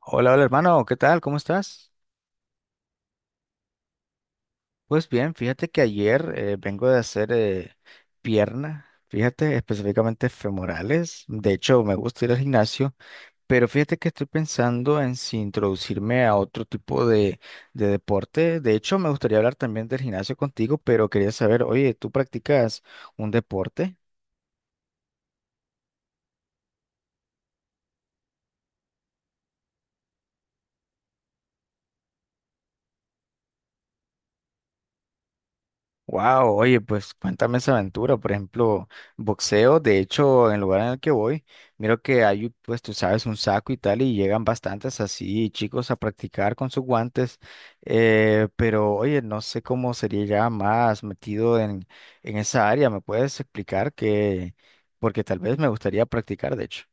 Hola, hola hermano, ¿qué tal? ¿Cómo estás? Pues bien, fíjate que ayer vengo de hacer pierna, fíjate, específicamente femorales. De hecho, me gusta ir al gimnasio, pero fíjate que estoy pensando en si introducirme a otro tipo de deporte. De hecho, me gustaría hablar también del gimnasio contigo, pero quería saber, oye, ¿tú practicas un deporte? Wow, oye, pues cuéntame esa aventura. Por ejemplo, boxeo. De hecho, en el lugar en el que voy, miro que hay, pues tú sabes, un saco y tal, y llegan bastantes así chicos a practicar con sus guantes. Pero, oye, no sé cómo sería ya más metido en esa área. ¿Me puedes explicar qué? Porque tal vez me gustaría practicar, de hecho.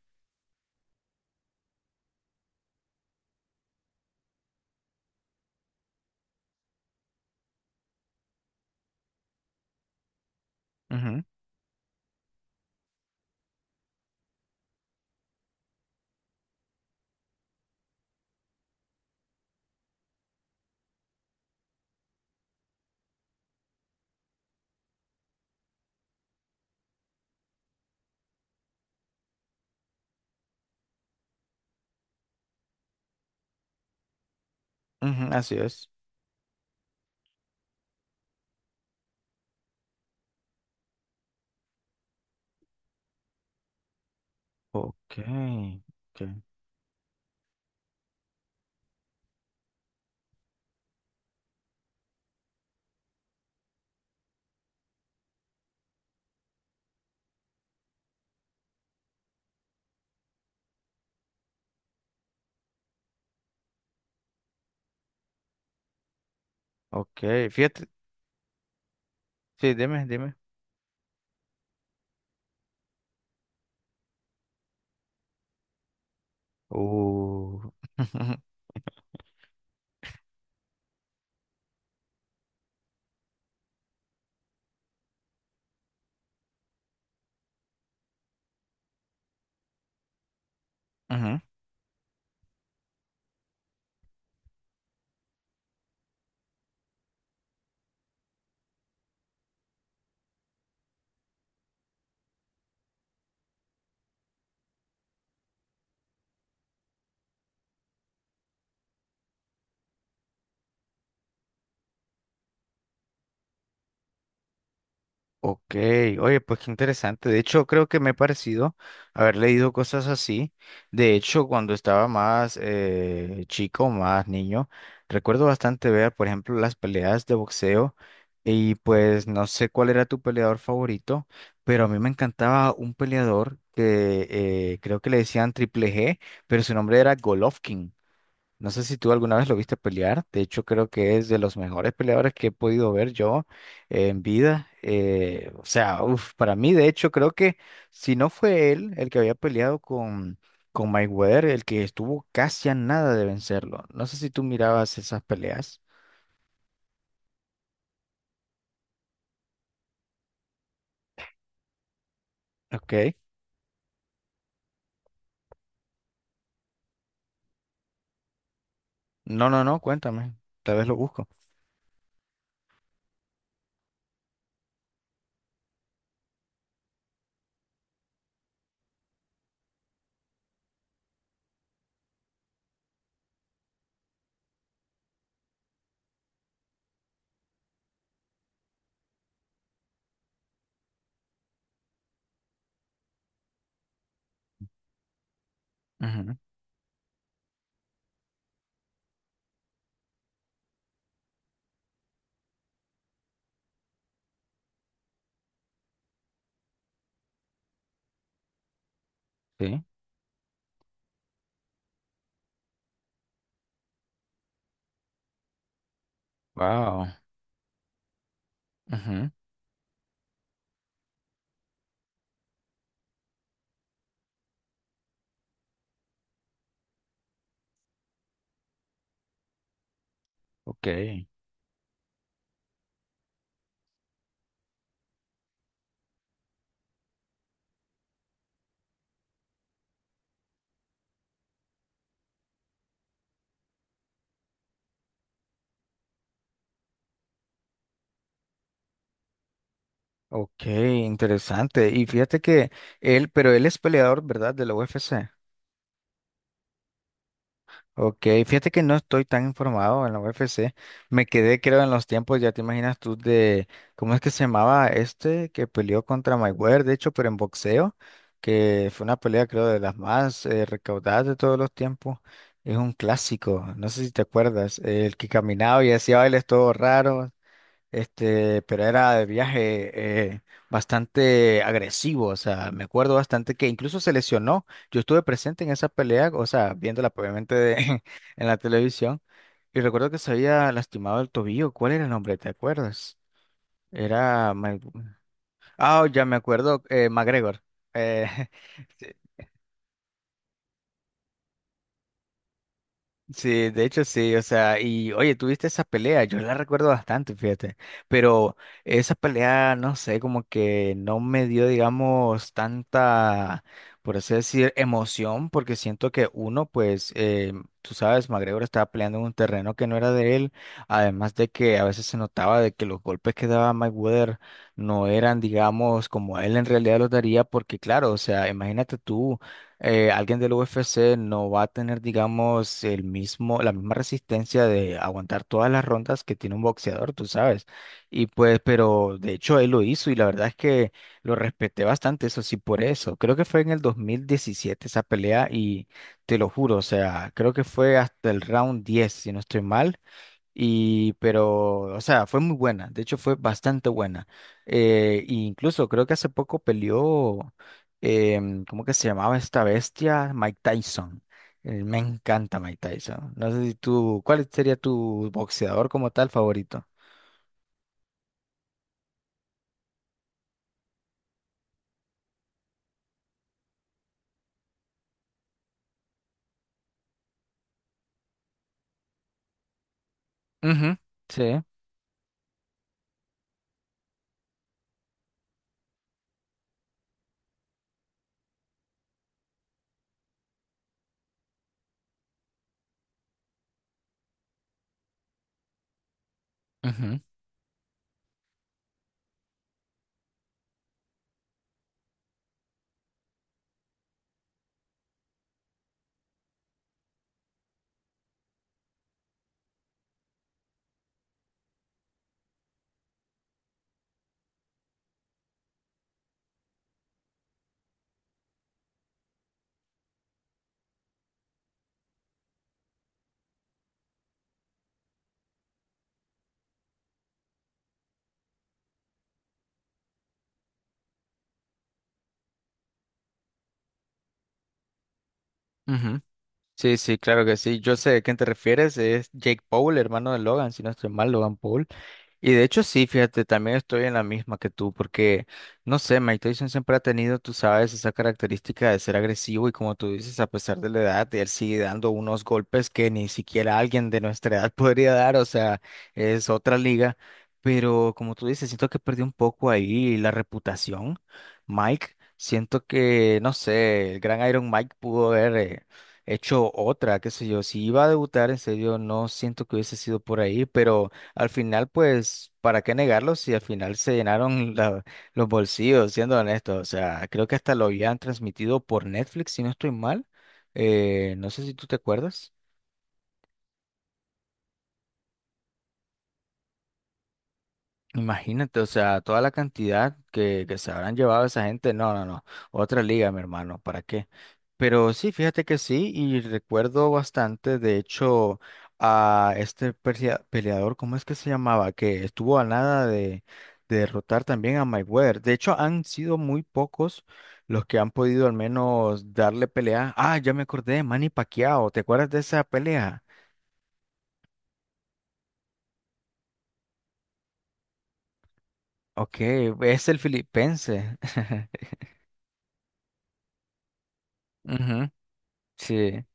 Ujú, ujú, así es. Ok, ok, ok. Fíjate, sí, dime, dime. Uh, ujú. Ok, oye, pues qué interesante. De hecho, creo que me ha parecido haber leído cosas así. De hecho, cuando estaba más chico, más niño, recuerdo bastante ver, por ejemplo, las peleas de boxeo. Y pues no sé cuál era tu peleador favorito, pero a mí me encantaba un peleador que creo que le decían Triple G, pero su nombre era Golovkin. No sé si tú alguna vez lo viste pelear. De hecho, creo que es de los mejores peleadores que he podido ver yo en vida. O sea, uf, para mí, de hecho, creo que si no fue él el que había peleado con Mayweather, el que estuvo casi a nada de vencerlo. No sé si tú mirabas esas peleas. Ok. No, no, no, cuéntame. Tal vez lo busco. Ujú, sí. Wow. Ujú, ok. Ok, interesante. Y fíjate que él, pero él es peleador, ¿verdad? De la UFC. Ok, fíjate que no estoy tan informado en la UFC. Me quedé, creo, en los tiempos, ya te imaginas tú, de cómo es que se llamaba este que peleó contra Mayweather, de hecho, pero en boxeo, que fue una pelea, creo, de las más recaudadas de todos los tiempos. Es un clásico, no sé si te acuerdas, el que caminaba y hacía bailes todo raros. Este, pero era de viaje bastante agresivo, o sea, me acuerdo bastante que incluso se lesionó. Yo estuve presente en esa pelea, o sea, viéndola obviamente de- en la televisión, y recuerdo que se había lastimado el tobillo. ¿Cuál era el nombre? ¿Te acuerdas? Era... Mike- Ah, ya me acuerdo, McGregor. Eh, Sí, de hecho sí, o sea, y oye, tuviste esa pelea, yo la recuerdo bastante, fíjate, pero esa pelea, no sé, como que no me dio, digamos, tanta, por así decir, emoción, porque siento que uno, pues, tú sabes, McGregor estaba peleando en un terreno que no era de él, además de que a veces se notaba de que los golpes que daba Mayweather no eran, digamos, como él en realidad los daría, porque claro, o sea, imagínate tú alguien del UFC no va a tener, digamos, el mismo, la misma resistencia de aguantar todas las rondas que tiene un boxeador, tú sabes. Y pues, pero de hecho él lo hizo y la verdad es que lo respeté bastante, eso sí, por eso. Creo que fue en el 2017 esa pelea y te lo juro, o sea, creo que fue hasta el round 10, si no estoy mal. Y, pero, o sea, fue muy buena, de hecho fue bastante buena. E incluso creo que hace poco peleó, ¿cómo que se llamaba esta bestia? Mike Tyson. Me encanta Mike Tyson. No sé si tú, ¿cuál sería tu boxeador como tal favorito? Ujú, sí, ujú, ujú. Sí, sí, claro que sí. Yo sé de quién te refieres, es Jake Paul, hermano de Logan, si no estoy mal, Logan Paul. Y de hecho sí, fíjate, también estoy en la misma que tú, porque, no sé, Mike Tyson siempre ha tenido, tú sabes, esa característica de ser agresivo y como tú dices, a pesar de la edad, él sigue dando unos golpes que ni siquiera alguien de nuestra edad podría dar, o sea, es otra liga, pero como tú dices, siento que perdió un poco ahí la reputación, Mike, siento que, no sé, el gran Iron Mike pudo haber... hecho otra, qué sé yo, si iba a debutar, en serio, no siento que hubiese sido por ahí, pero al final, pues, ¿para qué negarlo si al final se llenaron la- los bolsillos, siendo honestos? O sea, creo que hasta lo habían transmitido por Netflix, si no estoy mal. No sé si tú te acuerdas. Imagínate, o sea, toda la cantidad que se habrán llevado esa gente, no, no, no, otra liga, mi hermano, ¿para qué? Pero sí, fíjate que sí, y recuerdo bastante, de hecho, a este peleador, ¿cómo es que se llamaba? Que estuvo a nada de, de derrotar también a Mayweather. De hecho, han sido muy pocos los que han podido al menos darle pelea. Ah, ya me acordé, Manny Pacquiao, ¿te acuerdas de esa pelea? Ok, es el filipense. Ujú, sí.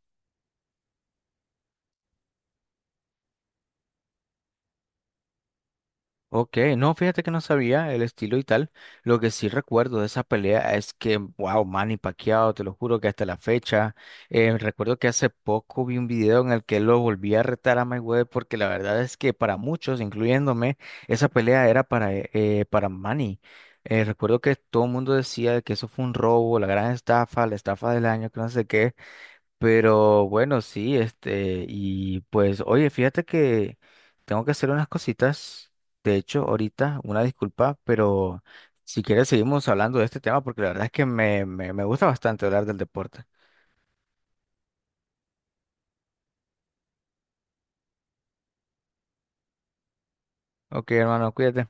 Ok, no, fíjate que no sabía el estilo y tal. Lo que sí recuerdo de esa pelea es que, wow, Manny Pacquiao, te lo juro que hasta la fecha. Recuerdo que hace poco vi un video en el que lo volví a retar a Mayweather porque la verdad es que para muchos, incluyéndome, esa pelea era para Manny. Recuerdo que todo el mundo decía que eso fue un robo, la gran estafa, la estafa del año, que no sé qué. Pero bueno, sí, este, y pues, oye, fíjate que tengo que hacer unas cositas, de hecho, ahorita, una disculpa, pero si quieres seguimos hablando de este tema porque la verdad es que me gusta bastante hablar del deporte. Ok, hermano, cuídate.